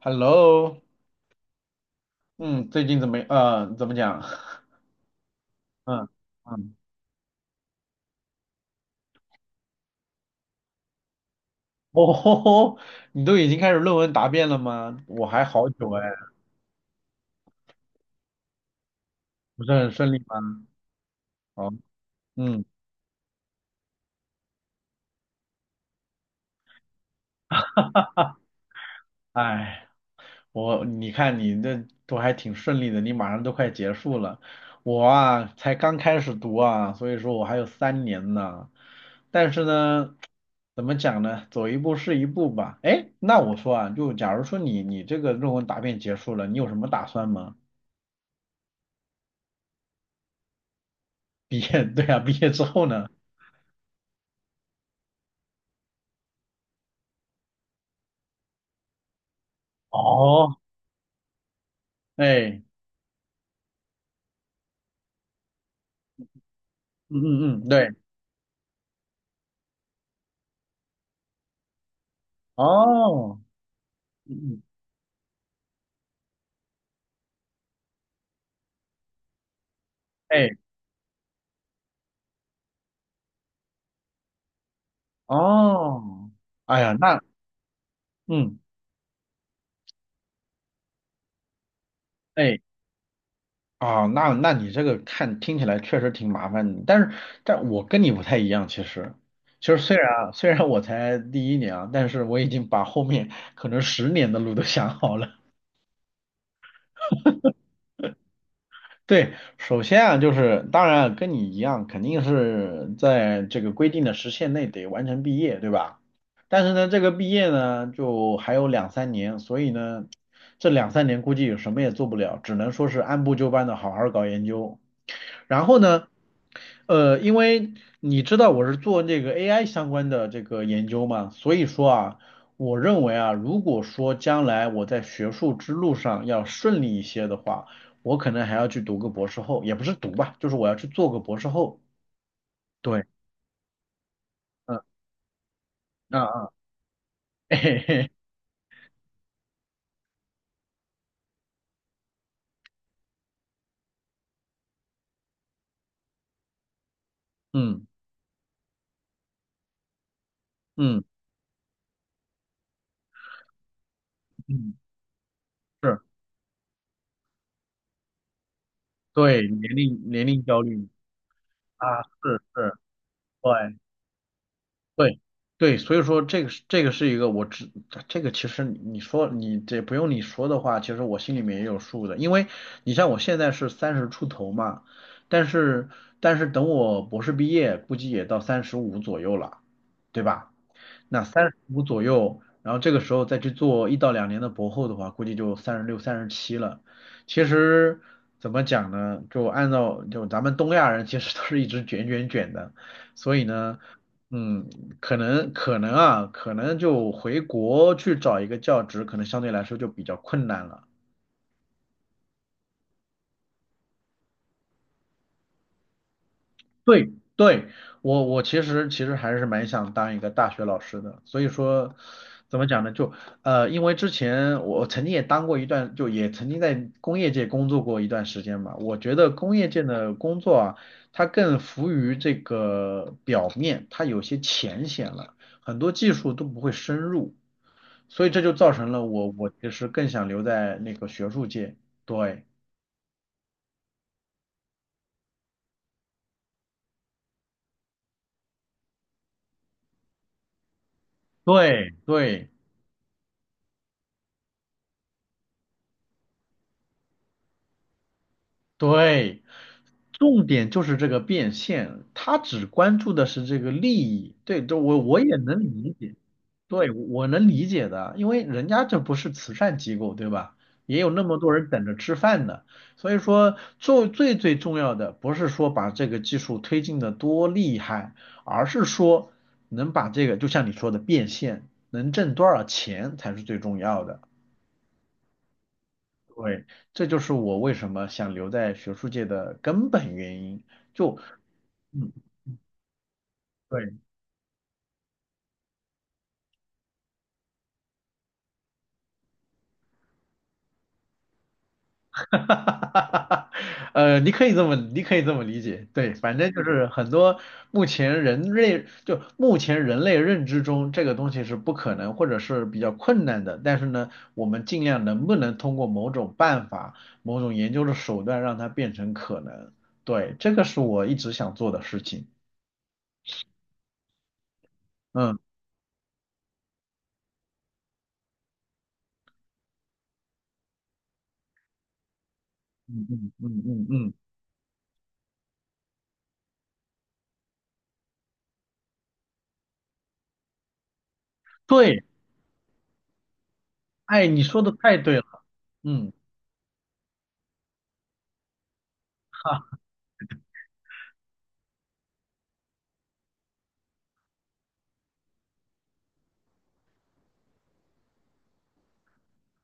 Hello，嗯，最近怎么，怎么讲？嗯嗯，哦吼吼，你都已经开始论文答辩了吗？我还好久哎，不是很顺利吗？哦，嗯，哎，我你这都还挺顺利的，你马上都快结束了，我啊才刚开始读啊，所以说我还有三年呢。但是呢，怎么讲呢？走一步是一步吧。哎，那我说啊，就假如说你这个论文答辩结束了，你有什么打算吗？毕业，对啊，毕业之后呢？哦，哎，嗯嗯嗯，对，哦，嗯嗯，哎，哦，哎呀，那，嗯，哎，啊，那你这个看听起来确实挺麻烦的，但是但我跟你不太一样，其实，其实虽然我才第一年啊，但是我已经把后面可能十年的路都想好了。对，首先啊，就是当然啊跟你一样，肯定是在这个规定的时限内得完成毕业，对吧？但是呢，这个毕业呢，就还有两三年，所以呢，这两三年估计什么也做不了，只能说是按部就班的好好搞研究。然后呢，因为你知道我是做那个 AI 相关的这个研究嘛，所以说啊，我认为啊，如果说将来我在学术之路上要顺利一些的话，我可能还要去读个博士后，也不是读吧，就是我要去做个博士后。对，嗯啊，嘿嘿，嗯嗯嗯，是，对，年龄焦虑啊，是是，对。对对，所以说这个是一个我知这个其实你说你这不用你说的话，其实我心里面也有数的，因为你像我现在是三十出头嘛，但是等我博士毕业，估计也到三十五左右了，对吧？那三十五左右，然后这个时候再去做一到两年的博后的话，估计就三十六、三十七了。其实怎么讲呢？就按照就咱们东亚人其实都是一直卷的，所以呢，嗯，可能就回国去找一个教职，可能相对来说就比较困难了。对对，我其实还是蛮想当一个大学老师的，所以说怎么讲呢？就因为之前我曾经也当过一段，就也曾经在工业界工作过一段时间嘛。我觉得工业界的工作啊，它更浮于这个表面，它有些浅显了，很多技术都不会深入，所以这就造成了我其实更想留在那个学术界。对对对。对，重点就是这个变现，他只关注的是这个利益。对，这我也能理解，对，我能理解的，因为人家这不是慈善机构，对吧？也有那么多人等着吃饭呢。所以说，做最重要的不是说把这个技术推进的多厉害，而是说能把这个，就像你说的变现，能挣多少钱才是最重要的。对，这就是我为什么想留在学术界的根本原因。就，嗯，对，哈哈哈你可以这么理解。对，反正就是很多目前人类认知中，这个东西是不可能或者是比较困难的。但是呢，我们尽量能不能通过某种办法、某种研究的手段，让它变成可能。对，这个是我一直想做的事情。嗯嗯嗯嗯嗯嗯，对。哎，你说的太对了，嗯，哈，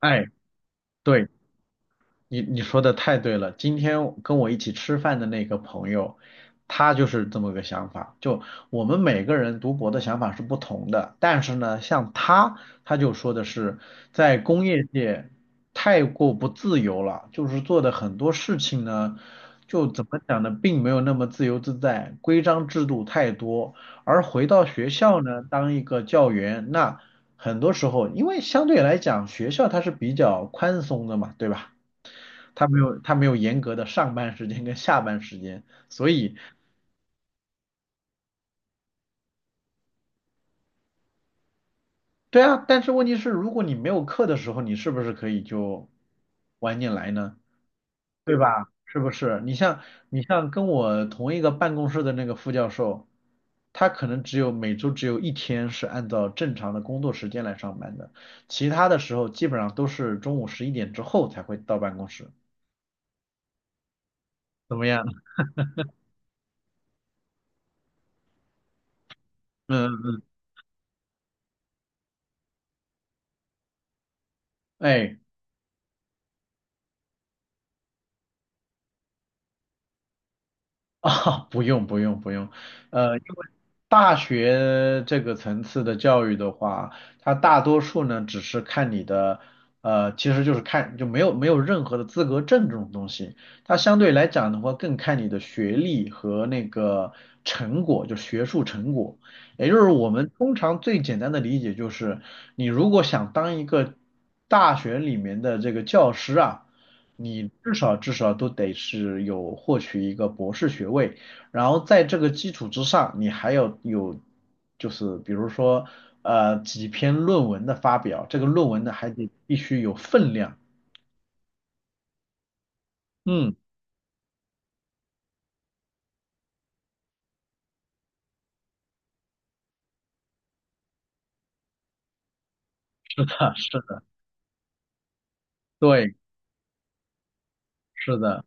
哎，对，你你说的太对了，今天跟我一起吃饭的那个朋友，他就是这么个想法。就我们每个人读博的想法是不同的，但是呢，像他，他就说的是在工业界太过不自由了，就是做的很多事情呢，就怎么讲呢，并没有那么自由自在，规章制度太多。而回到学校呢，当一个教员，那很多时候，因为相对来讲，学校它是比较宽松的嘛，对吧？他没有严格的上班时间跟下班时间，所以对啊，但是问题是，如果你没有课的时候，你是不是可以就晚点来呢？对吧？是不是？你像跟我同一个办公室的那个副教授，他可能每周只有一天是按照正常的工作时间来上班的，其他的时候基本上都是中午十一点之后才会到办公室。怎么样？嗯嗯，嗯哎，啊，不用，因为大学这个层次的教育的话，它大多数呢只是看你的，呃，其实就是看就没有任何的资格证这种东西，它相对来讲的话更看你的学历和那个成果，就学术成果。也就是我们通常最简单的理解就是，你如果想当一个大学里面的这个教师啊，你至少都得是有获取一个博士学位，然后在这个基础之上，你还要有就是比如说几篇论文的发表，这个论文呢还得必须有分量。嗯，是的，是的，对，是的，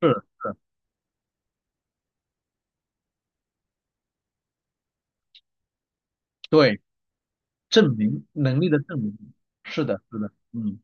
是，对，证明能力的证明，是的，是的，嗯。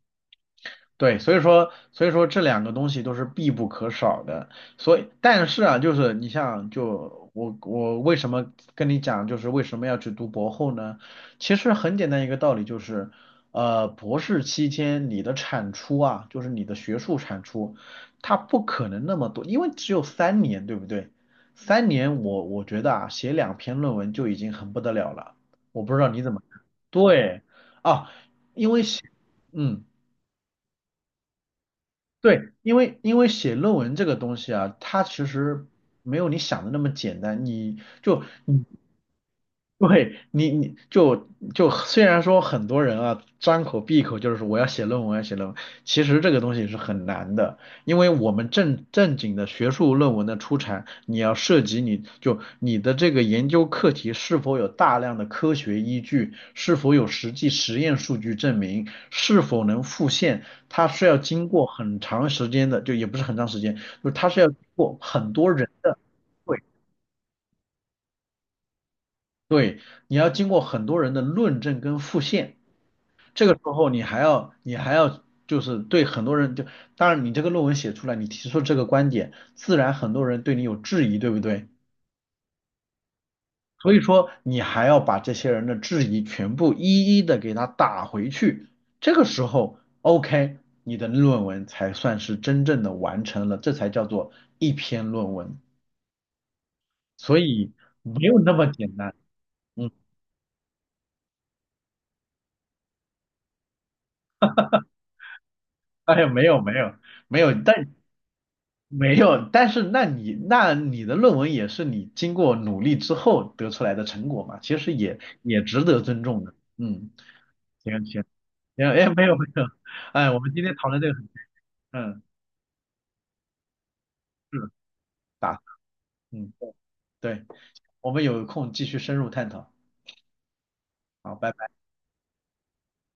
对，所以说这两个东西都是必不可少的。所以，但是啊，就是你像，就我为什么跟你讲，就是为什么要去读博后呢？其实很简单一个道理，就是，呃，博士期间你的产出啊，就是你的学术产出，它不可能那么多，因为只有三年，对不对？三年我觉得啊，写两篇论文就已经很不得了了。我不知道你怎么看，对啊，因为写，嗯。对，因为写论文这个东西啊，它其实没有你想的那么简单。你就你对你你就就虽然说很多人啊张口闭口就是说我要写论文，我要写论文，其实这个东西是很难的。因为我们正经的学术论文的出产，你要涉及你的这个研究课题是否有大量的科学依据，是否有实际实验数据证明，是否能复现，它是要经过很长时间的，就也不是很长时间，就是它是要经过很多人的，对，你要经过很多人的论证跟复现。这个时候你还要就是对很多人就，当然你这个论文写出来，你提出这个观点，自然很多人对你有质疑，对不对？所以说你还要把这些人的质疑全部一一的给他打回去，这个时候 OK，你的论文才算是真正的完成了，这才叫做一篇论文。所以没有那么简单，嗯，哎，没有，没有，但是那你的论文也是你经过努力之后得出来的成果嘛，其实也值得尊重的。嗯，行行行，哎，没有，哎，我们今天讨论这个很，嗯，是打，嗯，对，我们有空继续深入探讨。好，拜拜。